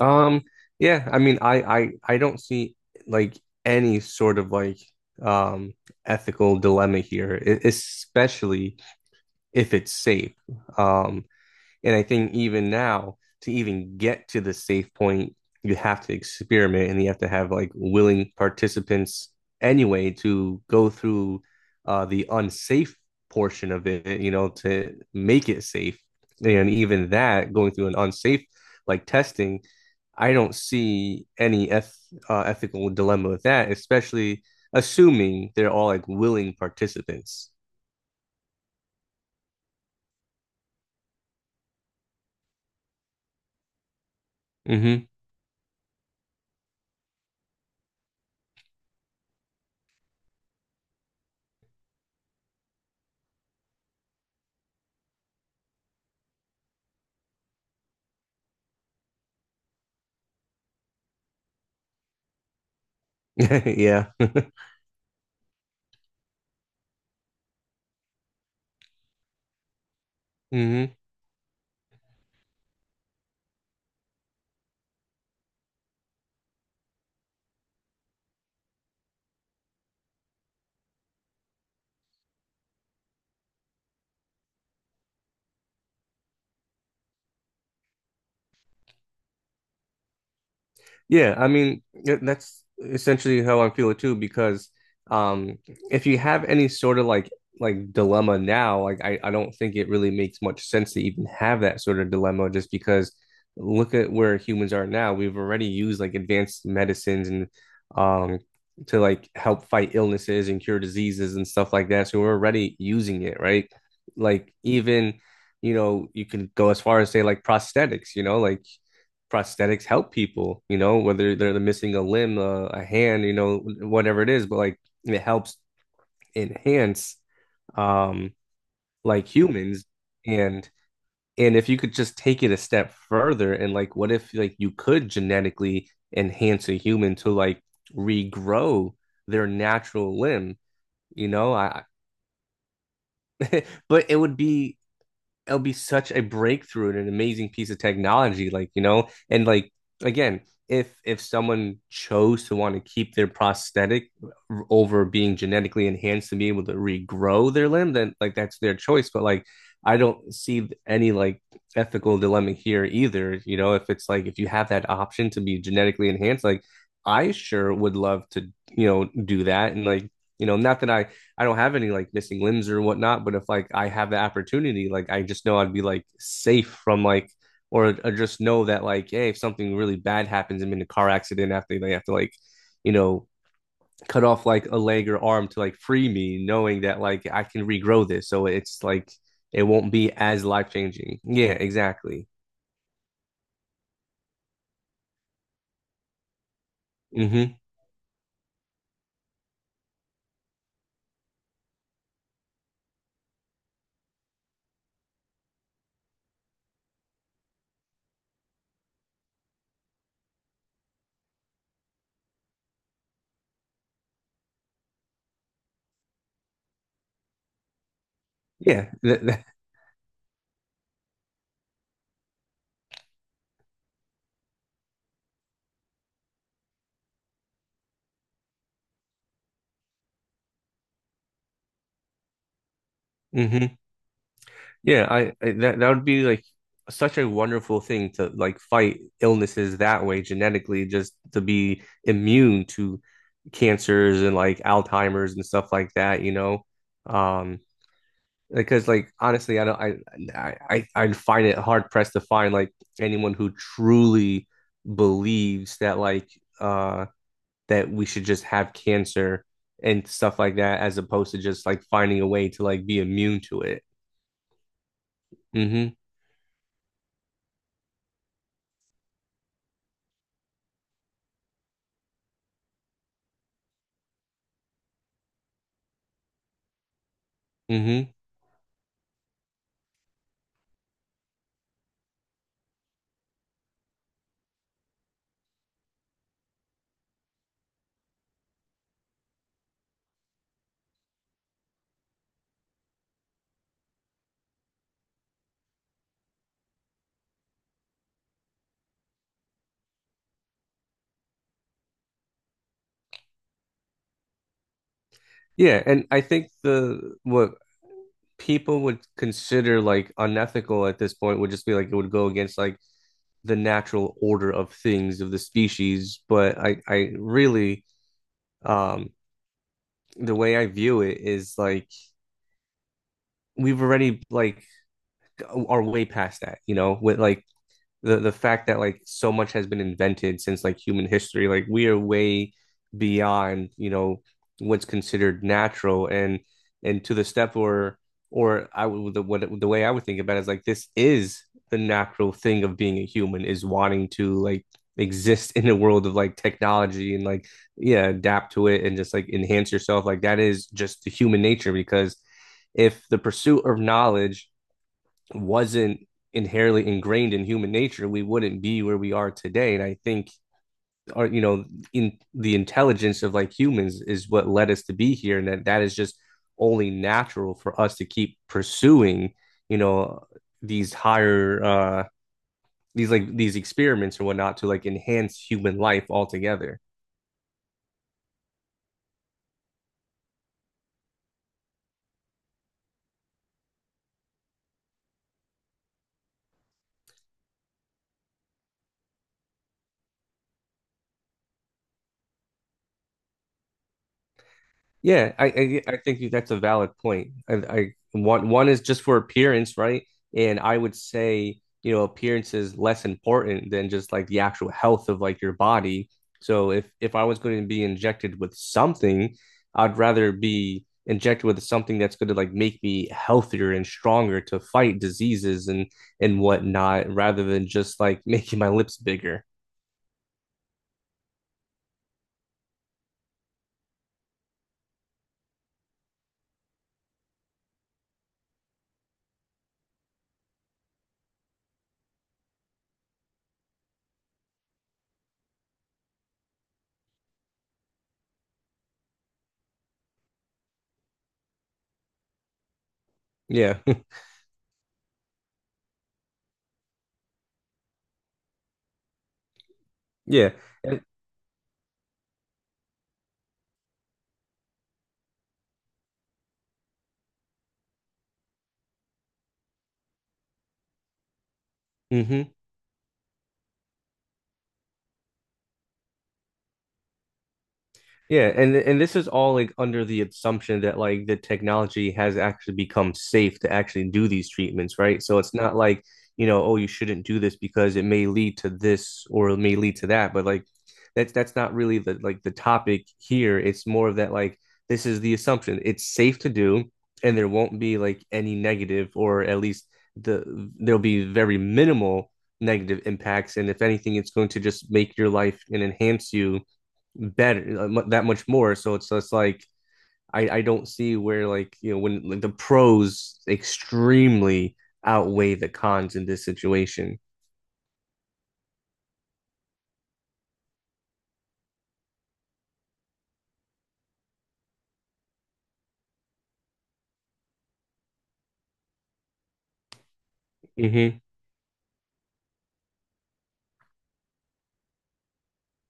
Um, yeah, I mean, I don't see like any sort of um ethical dilemma here, especially if it's safe. Um, and I think even now, to even get to the safe point, you have to experiment and you have to have like willing participants anyway to go through the unsafe portion of it to make it safe. And even that, going through an unsafe like testing, I don't see any ethical dilemma with that, especially assuming they're all like willing participants. Hmm. Yeah. Hmm. Yeah, I mean yeah, that's essentially how I'm feeling too because um if you have any sort of like dilemma now, like I don't think it really makes much sense to even have that sort of dilemma just because look at where humans are now. We've already used like advanced medicines and um to like help fight illnesses and cure diseases and stuff like that. So we're already using it, right? Like even, you know, you can go as far as say like prosthetics, you know, like prosthetics help people, you know, whether they're missing a limb, a hand, you know, whatever it is, but like it helps enhance um like humans and if you could just take it a step further and like what if like you could genetically enhance a human to like regrow their natural limb, you know? I but it would be it'll be such a breakthrough and an amazing piece of technology like you know and like again if someone chose to want to keep their prosthetic over being genetically enhanced to be able to regrow their limb then like that's their choice but like I don't see any like ethical dilemma here either, you know, if it's like if you have that option to be genetically enhanced like I sure would love to you know do that and like not that I don't have any like missing limbs or whatnot, but if like I have the opportunity, like I just know I'd be like safe from like or just know that like, hey, if something really bad happens, I'm in a car accident after they have to like, you know, cut off like a leg or arm to like free me, knowing that like I can regrow this. So it's like it won't be as life changing. Yeah, exactly. Hmm. Yeah. Hmm. Yeah, I that that would be like such a wonderful thing to like fight illnesses that way genetically, just to be immune to cancers and like Alzheimer's and stuff like that, you know? Um, because like honestly, I don't I I'd find it hard pressed to find like anyone who truly believes that uh that we should just have cancer and stuff like that as opposed to just like finding a way to like be immune to it. Mm-hmm. Mm-hmm. Yeah, and I think the what people would consider like unethical at this point would just be like it would go against like the natural order of things of the species. But I really, um, the way I view it is like we've already like are way past that, you know, with like the fact that like so much has been invented since like human history like we are way beyond you know what's considered natural and to the step or I would the what the way I would think about it is like this is the natural thing of being a human is wanting to like exist in a world of like technology and like yeah adapt to it and just like enhance yourself like that is just the human nature because if the pursuit of knowledge wasn't inherently ingrained in human nature, we wouldn't be where we are today. And I think our, you know, in the intelligence of like humans is what led us to be here. And that that is just only natural for us to keep pursuing, you know, these higher these like these experiments or whatnot to like enhance human life altogether. Yeah, I think you, that's a valid point. I one is just for appearance, right? And I would say, you know, appearance is less important than just like the actual health of like your body. So if I was going to be injected with something, I'd rather be injected with something that's going to like make me healthier and stronger to fight diseases and whatnot, rather than just like making my lips bigger. Yeah, yeah. And, mhm. Yeah, and this is all like under the assumption that like the technology has actually become safe to actually do these treatments, right? So it's not like, you know, oh, you shouldn't do this because it may lead to this or it may lead to that, but like that's not really the like the topic here. It's more of that like this is the assumption. It's safe to do and there won't be like any negative or at least the there'll be very minimal negative impacts and if anything it's going to just make your life and enhance you better that much more. So it's just like I don't see where like you know when like the pros extremely outweigh the cons in this situation. Mm-hmm.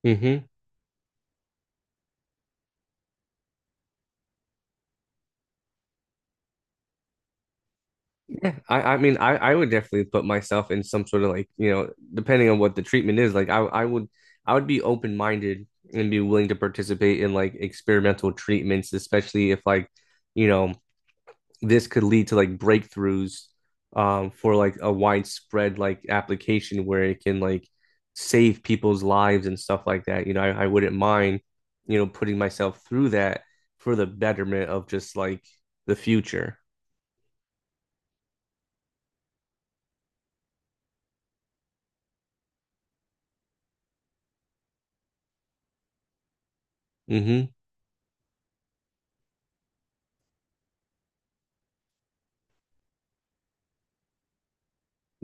Mm-hmm. Yeah. I mean I would definitely put myself in some sort of like, you know, depending on what the treatment is, like I would I would be open minded and be willing to participate in like experimental treatments, especially if like, you know, this could lead to like breakthroughs for like a widespread like application where it can like save people's lives and stuff like that. You know, I wouldn't mind, you know, putting myself through that for the betterment of just like the future. Hmm.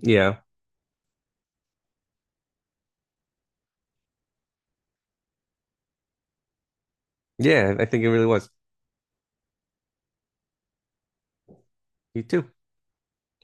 Yeah. Yeah, I think it really was. You too.